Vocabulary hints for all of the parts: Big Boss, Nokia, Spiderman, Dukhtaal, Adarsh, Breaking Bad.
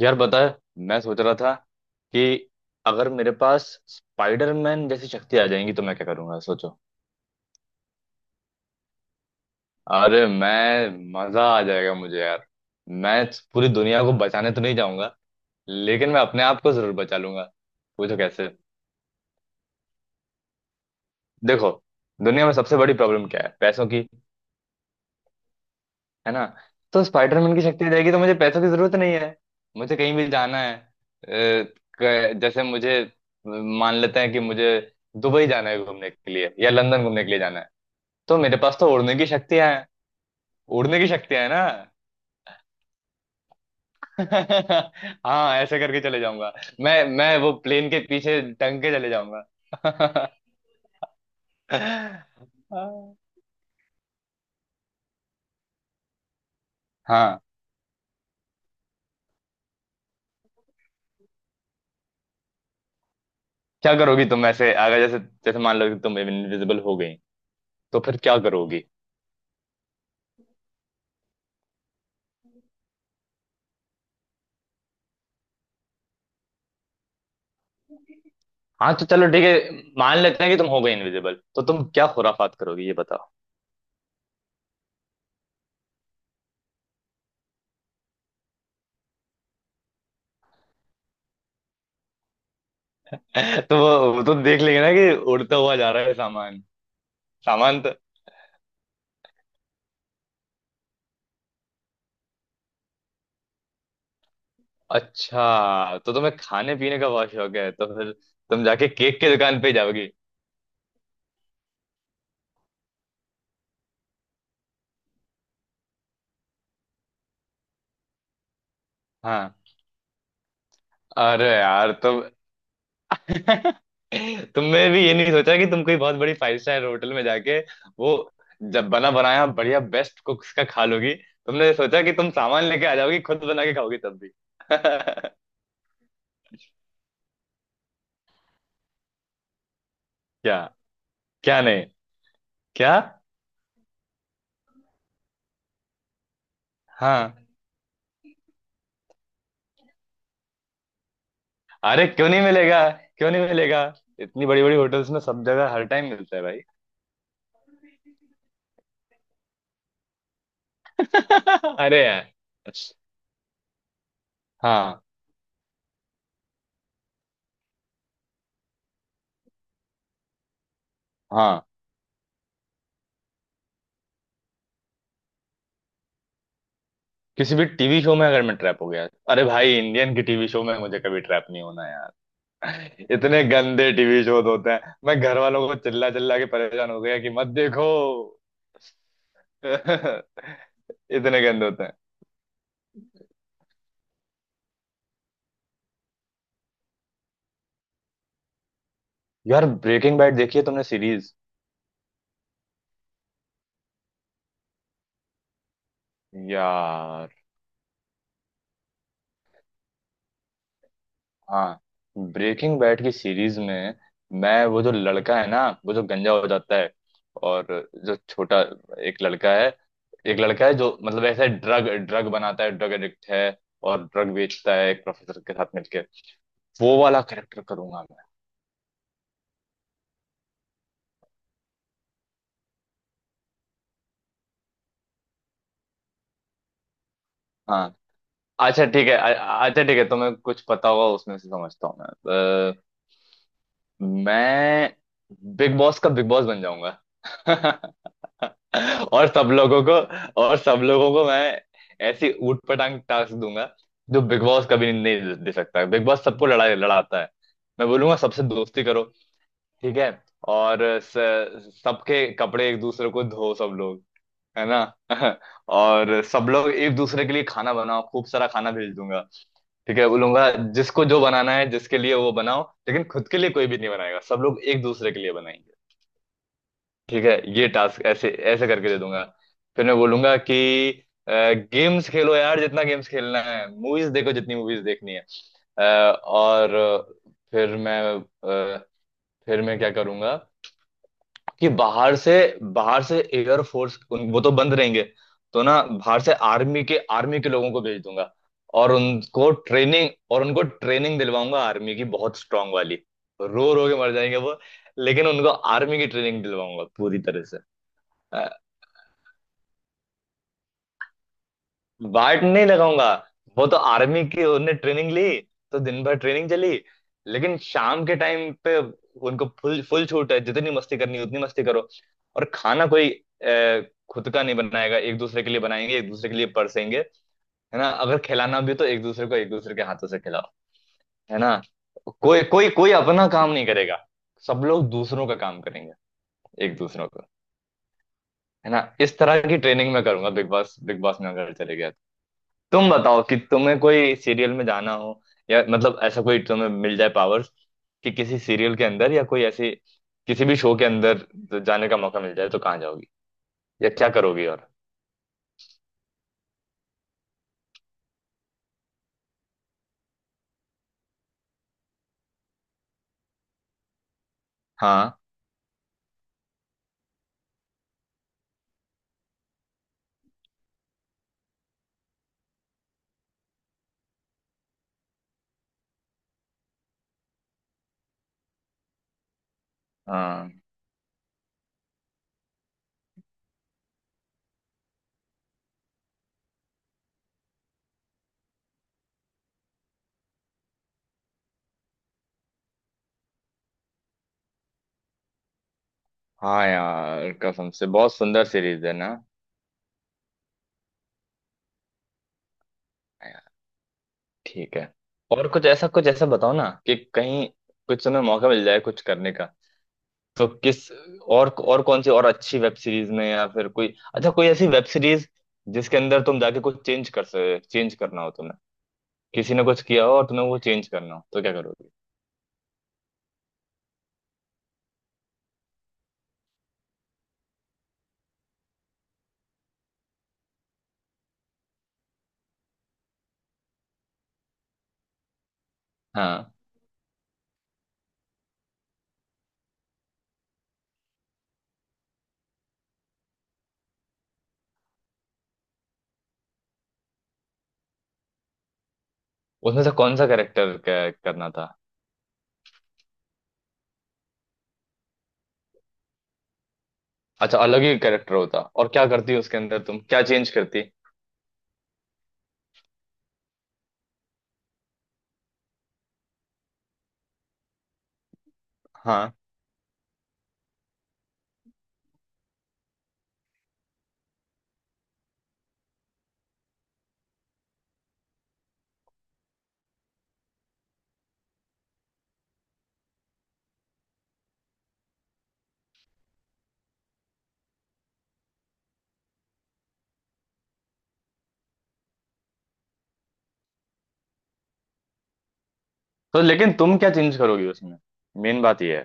यार बता। मैं सोच रहा था कि अगर मेरे पास स्पाइडरमैन जैसी शक्ति आ जाएंगी तो मैं क्या करूंगा सोचो। अरे मैं मजा आ जाएगा मुझे यार। मैं पूरी दुनिया को बचाने तो नहीं जाऊंगा, लेकिन मैं अपने आप को जरूर बचा लूंगा। पूछो कैसे। देखो, दुनिया में सबसे बड़ी प्रॉब्लम क्या है? पैसों की। है ना? तो स्पाइडरमैन की शक्ति रहेगी तो मुझे पैसों की जरूरत नहीं है। मुझे कहीं भी जाना है, जैसे मुझे, मान लेते हैं कि मुझे दुबई जाना है घूमने के लिए, या लंदन घूमने के लिए जाना है। तो मेरे पास तो उड़ने की शक्तियां हैं। उड़ने की शक्तियां है ना। हाँ, ऐसे करके चले जाऊंगा। मैं वो प्लेन के पीछे टंग के चले जाऊंगा। हाँ। क्या करोगी तुम, ऐसे अगर जैसे, जैसे मान लो कि तुम इनविजिबल हो गई, तो फिर क्या करोगी? हाँ तो चलो ठीक है, मान लेते हैं कि तुम हो गए इनविजिबल, तो तुम क्या खुराफात करोगे ये बताओ। तो वो तो देख लेंगे ना कि उड़ता हुआ जा रहा है सामान। सामान तो। अच्छा, तो तुम्हें खाने पीने का बहुत शौक है तो फिर तुम जाके केक की दुकान पे जाओगी? हाँ। अरे यार तुम! तुमने भी ये नहीं सोचा कि तुम कोई बहुत बड़ी फाइव स्टार होटल में जाके, वो जब बना बनाया बढ़िया बेस्ट कुक्स का खा लोगी? तुमने सोचा कि तुम सामान लेके आ जाओगी, खुद बना के खाओगी तब भी। क्या? क्या नहीं? क्या? हाँ। अरे क्यों नहीं मिलेगा? क्यों नहीं मिलेगा? इतनी बड़ी बड़ी होटल्स में सब जगह हर टाइम मिलता है भाई। अरे यार। हाँ, हाँ। किसी भी टीवी शो में अगर मैं ट्रैप हो गया, अरे भाई इंडियन के टीवी शो में मुझे कभी ट्रैप नहीं होना यार। इतने गंदे टीवी शो होते हैं, मैं घर वालों को चिल्ला चिल्ला के परेशान हो गया कि मत देखो। इतने गंदे होते हैं। यार, ब्रेकिंग बैड देखी है तुमने सीरीज? यार हाँ। ब्रेकिंग बैड की सीरीज में मैं वो जो लड़का है ना, वो जो गंजा हो जाता है, और जो छोटा एक लड़का है, एक लड़का है जो मतलब ऐसे ड्रग ड्रग बनाता है, ड्रग एडिक्ट है, और ड्रग बेचता है एक प्रोफेसर के साथ मिलके, वो वाला कैरेक्टर करूंगा मैं। हाँ। अच्छा ठीक है, अच्छा ठीक है, तुम्हें कुछ पता होगा उसमें से, समझता हूँ मैं। मैं बिग बॉस का बिग बॉस बन जाऊंगा। और सब लोगों को, और सब लोगों को मैं ऐसी ऊटपटांग टास्क दूंगा जो बिग बॉस कभी नहीं दे दे सकता। बिग बॉस सबको लड़ाई लड़ाता है, मैं बोलूंगा सबसे दोस्ती करो। ठीक है? और सबके कपड़े एक दूसरे को धो सब लोग, है ना। और सब लोग एक दूसरे के लिए खाना बनाओ, खूब सारा खाना भेज दूंगा। ठीक है बोलूंगा, जिसको जो बनाना है, जिसके लिए वो बनाओ, लेकिन खुद के लिए कोई भी नहीं बनाएगा, सब लोग एक दूसरे के लिए बनाएंगे। ठीक है? ये टास्क ऐसे ऐसे करके दे दूंगा। फिर मैं बोलूंगा कि गेम्स खेलो यार, जितना गेम्स खेलना है, मूवीज देखो जितनी मूवीज देखनी है। अ, और अ, फिर मैं, अ, फिर मैं क्या करूंगा कि बाहर से, बाहर से एयर फोर्स उन वो तो बंद रहेंगे, तो ना बाहर से आर्मी के, आर्मी के लोगों को भेज दूंगा। और उनको ट्रेनिंग, और उनको ट्रेनिंग दिलवाऊंगा आर्मी की, बहुत स्ट्रांग वाली। रो रो के मर जाएंगे वो, लेकिन उनको आर्मी की ट्रेनिंग दिलवाऊंगा पूरी तरह से। वार्ड नहीं लगाऊंगा, वो तो आर्मी की उनने ट्रेनिंग ली। तो दिन भर ट्रेनिंग चली, लेकिन शाम के टाइम पे उनको फुल फुल छूट है, जितनी मस्ती करनी है, उतनी मस्ती करो। और खाना कोई खुद का नहीं बनाएगा, एक दूसरे के लिए बनाएंगे, एक दूसरे के लिए परसेंगे। है ना, अगर खिलाना भी तो एक दूसरे को, एक दूसरे के हाथों से खिलाओ। है ना? कोई कोई कोई अपना काम नहीं करेगा, सब लोग दूसरों का काम करेंगे, एक दूसरों का। है ना, इस तरह की ट्रेनिंग मैं करूंगा बिग बॉस, बिग बॉस में अगर चले गया तो। तुम बताओ कि तुम्हें कोई सीरियल में जाना हो, या मतलब ऐसा कोई तुम्हें मिल जाए पावर्स कि किसी सीरियल के अंदर या कोई ऐसे किसी भी शो के अंदर तो जाने का मौका मिल जाए, तो कहाँ जाओगी या क्या करोगी और? हाँ, हाँ। हाँ यार, कसम से बहुत सुंदर सीरीज है ना, हाँ। यार, ठीक है। और कुछ ऐसा, कुछ ऐसा बताओ ना कि कहीं कुछ तुम्हें मौका मिल जाए कुछ करने का, तो किस, और कौन सी और अच्छी वेब सीरीज में, या फिर कोई अच्छा कोई ऐसी वेब सीरीज जिसके अंदर तुम जाके कुछ चेंज कर सके, चेंज करना हो तुम्हें, किसी ने कुछ किया हो और तुम्हें वो चेंज करना हो, तो क्या करोगे? हाँ। उसमें से कौन सा कैरेक्टर करना था? अच्छा, अलग ही कैरेक्टर होता, और क्या करती उसके अंदर, तुम क्या चेंज करती? हाँ तो लेकिन तुम क्या चेंज करोगी उसमें, मेन बात ये है।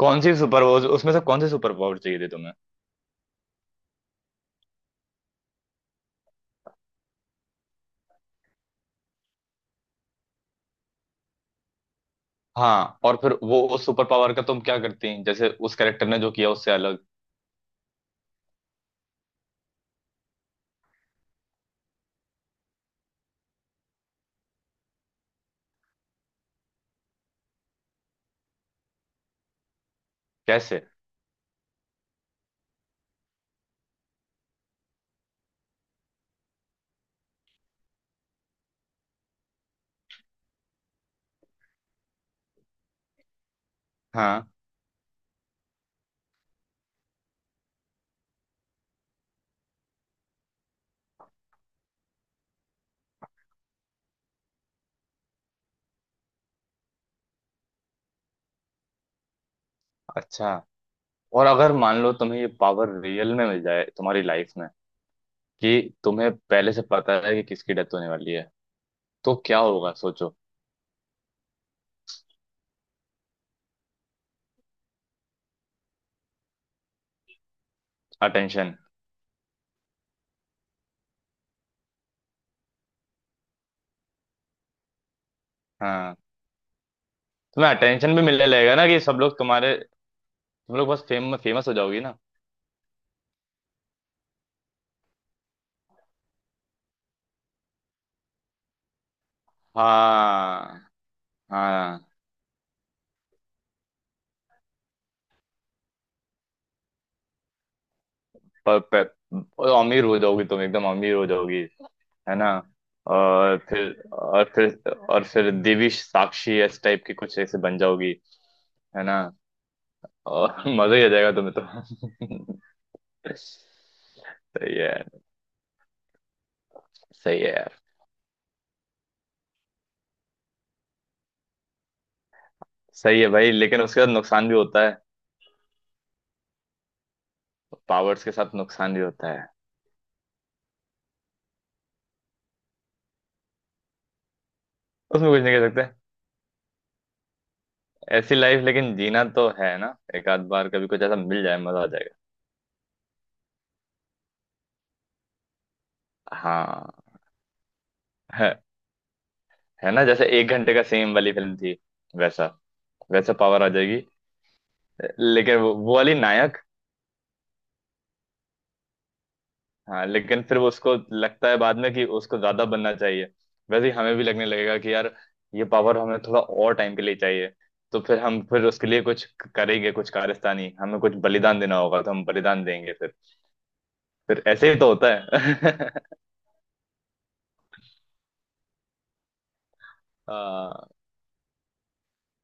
कौन सी सुपर पावर, उसमें से कौन सी सुपर पावर चाहिए थी तुम्हें? हाँ और फिर वो उस सुपर पावर का तुम क्या करती, जैसे उस कैरेक्टर ने जो किया उससे अलग? कैसे? हाँ। अच्छा। और अगर मान लो तुम्हें ये पावर रियल में मिल जाए तुम्हारी लाइफ में कि तुम्हें पहले से पता है कि किसकी डेथ होने वाली है, तो क्या होगा सोचो। अटेंशन। हाँ। तुम्हें अटेंशन भी मिलने लगेगा ना कि सब लोग तुम्हारे, तुम लोग बस फेम, फेमस हो जाओगी ना। हाँ। हाँ। पर और अमीर हो जाओगी तुम, एकदम अमीर हो जाओगी। है ना? और फिर, और फिर, और फिर देवी साक्षी इस टाइप की कुछ ऐसे बन जाओगी। है ना? और मजा ही आ जाएगा तुम्हें तो। सही है। सही है यार। सही है भाई, लेकिन उसके साथ नुकसान भी होता है। पावर्स के साथ नुकसान भी होता है। उसमें कुछ नहीं कह सकते। ऐसी लाइफ लेकिन जीना तो है ना, एक आध बार कभी कुछ ऐसा मिल जाए मजा आ जाएगा। हाँ। है, है ना, जैसे एक घंटे का सेम वाली फिल्म थी, वैसा, वैसा पावर आ जाएगी। लेकिन वो वाली नायक। हाँ, लेकिन फिर वो उसको लगता है बाद में कि उसको ज्यादा बनना चाहिए। वैसे ही हमें भी लगने लगेगा कि यार ये पावर हमें थोड़ा और टाइम के लिए चाहिए। तो फिर हम, फिर उसके लिए कुछ करेंगे, कुछ कारस्तानी, हमें कुछ बलिदान देना होगा तो हम बलिदान देंगे फिर। फिर ऐसे ही तो होता है। हाँ।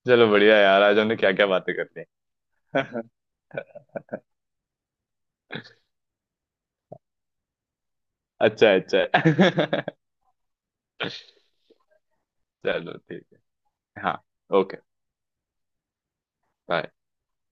चलो बढ़िया यार, आज हमने क्या क्या बातें कर ली। अच्छा, अच्छा। चलो ठीक है। हाँ, ओके। बाय।